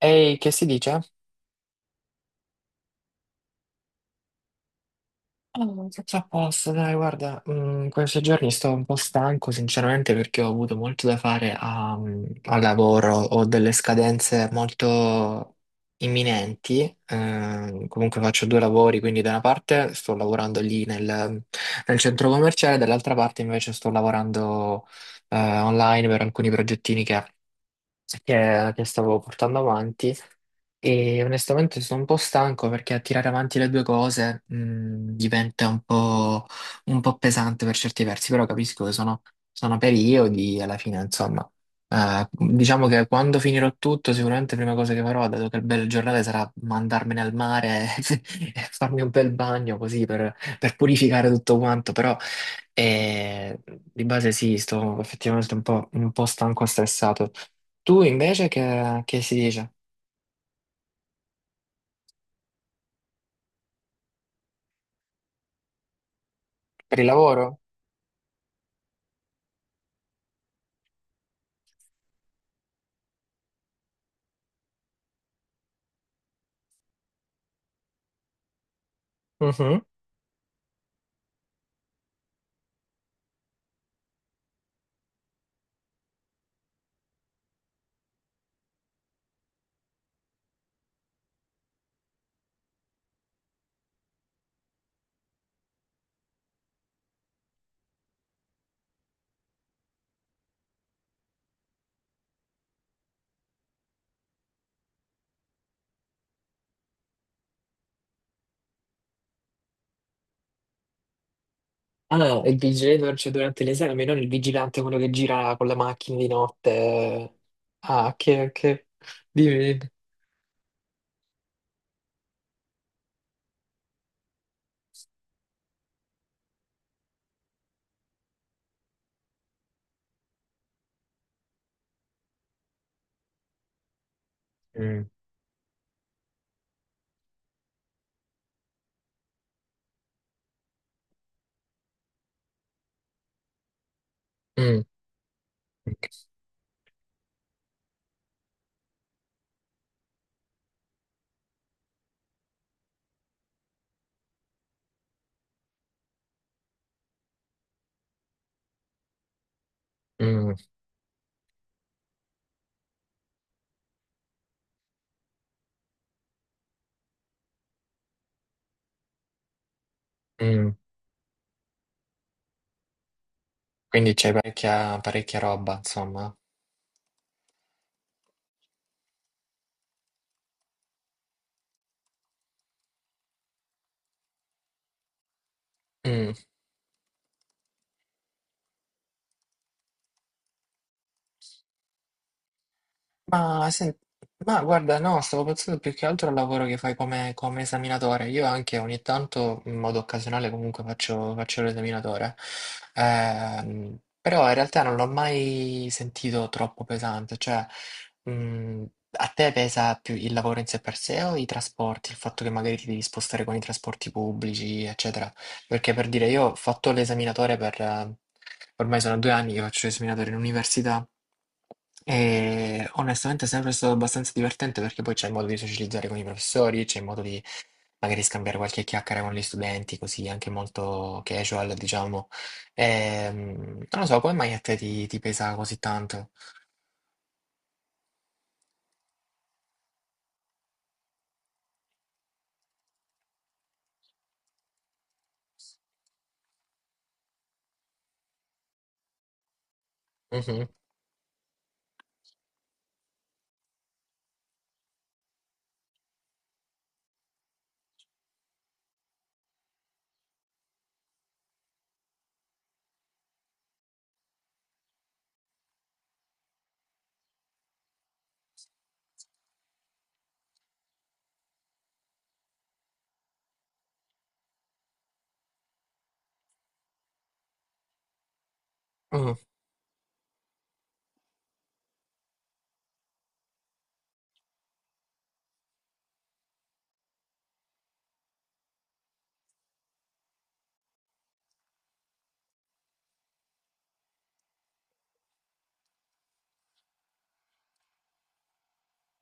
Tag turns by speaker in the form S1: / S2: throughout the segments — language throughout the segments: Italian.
S1: Ehi, che si dice? Oh, tutto a posto, dai, guarda, questi giorni sto un po' stanco, sinceramente, perché ho avuto molto da fare al lavoro, ho delle scadenze molto imminenti. Comunque faccio due lavori, quindi da una parte sto lavorando lì nel centro commerciale, dall'altra parte invece sto lavorando online per alcuni progettini che stavo portando avanti, e onestamente sono un po' stanco perché tirare avanti le due cose diventa un po' pesante per certi versi. Però capisco che sono periodi e, alla fine, insomma, diciamo che quando finirò tutto, sicuramente la prima cosa che farò, dato che il bel giornale, sarà mandarmene al mare e farmi un bel bagno così per purificare tutto quanto, però... E di base sì, sto effettivamente un po' stanco e stressato. Tu invece che si dice? Per il lavoro? Mhm. Ah, il vigile, cioè, durante l'esame, non il vigilante, quello che gira con la macchina di notte. Ah, che... Dimmi. Dimmi. Mm. Mm, ok. mm, mm, Quindi c'è parecchia, parecchia roba, insomma. Mm. Ma, sen- ma guarda, no, stavo pensando più che altro al lavoro che fai come, come esaminatore. Io anche ogni tanto, in modo occasionale, comunque faccio l'esaminatore. Però in realtà non l'ho mai sentito troppo pesante. Cioè, mh, a te pesa più il lavoro in sé per sé o i trasporti? Il fatto che magari ti devi spostare con i trasporti pubblici, eccetera. Perché, per dire, io ho fatto l'esaminatore per... Ormai sono 2 anni che faccio l'esaminatore in università. E onestamente è sempre stato abbastanza divertente perché poi c'è il modo di socializzare con i professori, c'è il modo di magari scambiare qualche chiacchiera con gli studenti, così anche molto casual, diciamo. Ehm, Non lo so, come mai a te ti pesa così tanto? Mhm. Mm,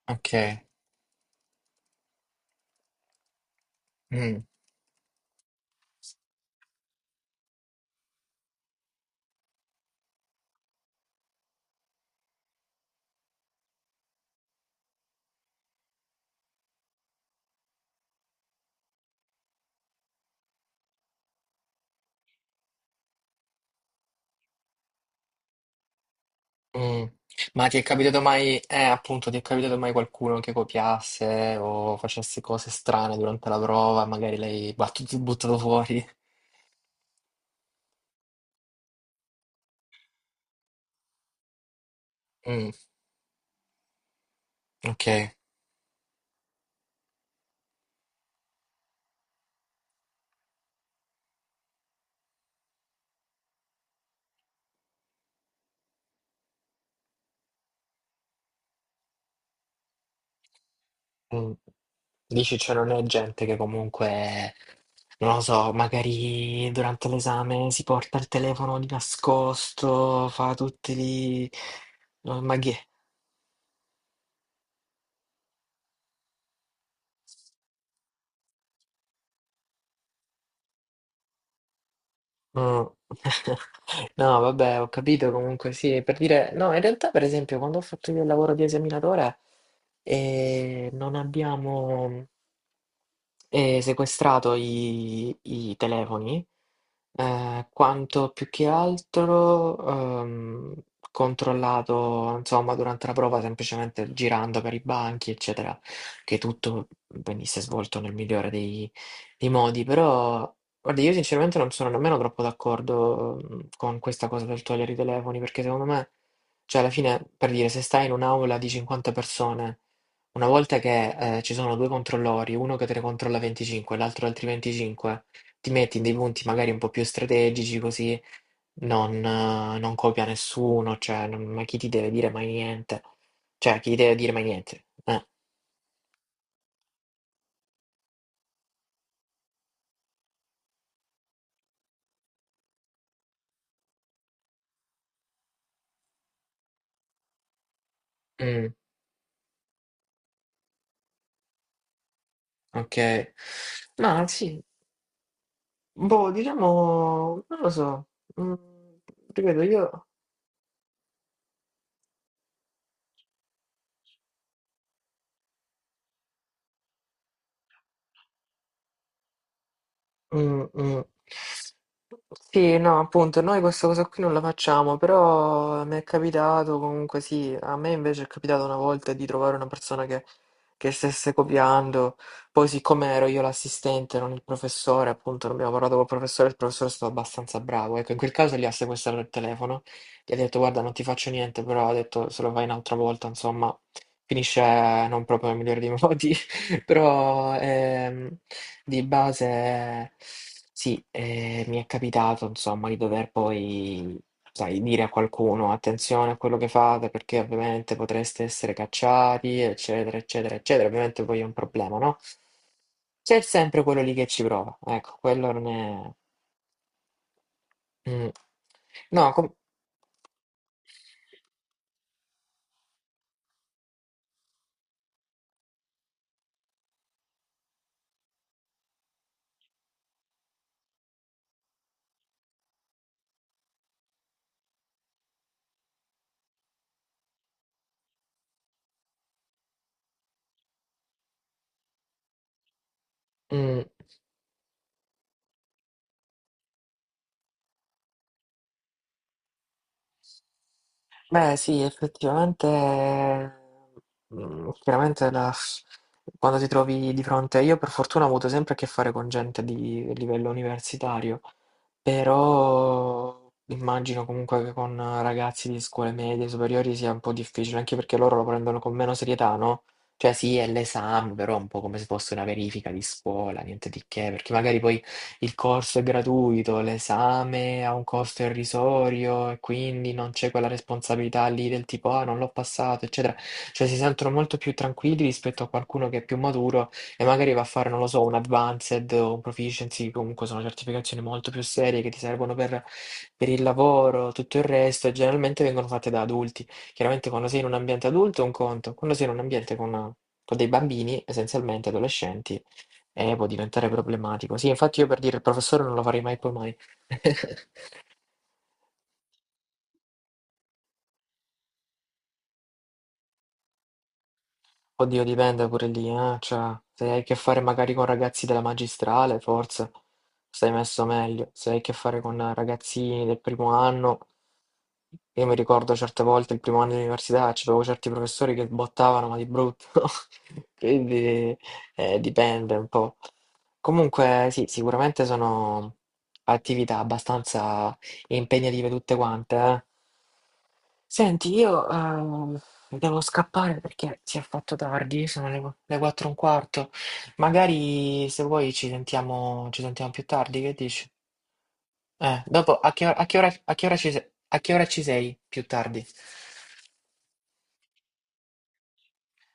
S1: ok. Mm. Mm. Ma ti è capitato mai, appunto, ti è capitato mai qualcuno che copiasse o facesse cose strane durante la prova, magari l'hai battuto, buttato fuori? Mm, ok. Mm. Dici, cioè, non è gente che comunque, non lo so, magari durante l'esame si porta il telefono di nascosto, fa tutti lì... No, ma che... Mm. No, vabbè, ho capito comunque, sì, per dire... No, in realtà, per esempio, quando ho fatto io il lavoro di esaminatore, non abbiamo... e sequestrato i telefoni, quanto più che altro ehm, controllato, insomma, durante la prova, semplicemente girando per i banchi, eccetera, che tutto venisse svolto nel migliore dei modi. Però, guarda, io sinceramente non sono nemmeno troppo d'accordo con questa cosa del togliere i telefoni, perché secondo me, cioè, alla fine, per dire, se stai in un'aula di 50 persone, una volta che ci sono 2 controllori, uno che te ne controlla 25 e l'altro altri 25, ti metti in dei punti magari un po' più strategici così non non copia nessuno. Cioè non, ma chi ti deve dire mai niente? Cioè chi ti deve dire mai niente? Mh, okay. Ma sì, boh, diciamo non lo so. Mhmm, Ripeto io. mh, mh. Sì, no, appunto, noi questa cosa qui non la facciamo, però mi è capitato comunque, sì, a me invece è capitato una volta di trovare una persona che stesse copiando. Poi, siccome ero io l'assistente, non il professore, appunto, non abbiamo parlato col professore, il professore è stato abbastanza bravo, ecco, in quel caso gli ha sequestrato il telefono, gli ha detto guarda non ti faccio niente, però ha detto se lo fai un'altra volta, insomma, finisce non proprio nel migliore dei modi. Però di base sì, mi è capitato insomma di dover poi, sai, dire a qualcuno attenzione a quello che fate perché ovviamente potreste essere cacciati, eccetera, eccetera, eccetera. Ovviamente poi è un problema, no? C'è sempre quello lì che ci prova, ecco, quello non è... Mm. No, mm. Beh, sì, effettivamente, chiaramente quando ti trovi di fronte, io per fortuna ho avuto sempre a che fare con gente di livello universitario, però immagino comunque che con ragazzi di scuole medie, superiori sia un po' difficile, anche perché loro lo prendono con meno serietà, no? Cioè sì, è l'esame, però è un po' come se fosse una verifica di scuola, niente di che, perché magari poi il corso è gratuito, l'esame ha un costo irrisorio e quindi non c'è quella responsabilità lì del tipo ah non l'ho passato, eccetera. Cioè si sentono molto più tranquilli rispetto a qualcuno che è più maturo e magari va a fare, non lo so, un advanced o un proficiency, comunque sono certificazioni molto più serie che ti servono per il lavoro, tutto il resto, e generalmente vengono fatte da adulti. Chiaramente quando sei in un ambiente adulto è un conto, quando sei in un ambiente con dei bambini, essenzialmente adolescenti, può diventare problematico. Sì, infatti io per dire il professore non lo farei mai poi mai. Oddio, dipende pure lì, eh. Cioè, se hai a che fare magari con ragazzi della magistrale, forse stai messo meglio. Se hai a che fare con ragazzini del primo anno, io mi ricordo certe volte il primo anno di università, c'avevo certi professori che bottavano, ma di brutto. Quindi dipende un po'. Comunque, sì, sicuramente sono attività abbastanza impegnative tutte quante, eh. Senti, io devo scappare perché si è fatto tardi, sono le 4 e un quarto. Magari se vuoi ci sentiamo più tardi, che dici? Dopo, a che ora ci, se- a che ora ci sei più tardi?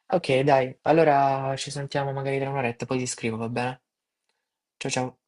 S1: Ok, dai, allora ci sentiamo magari tra un'oretta, poi ti scrivo, va bene? Ciao ciao.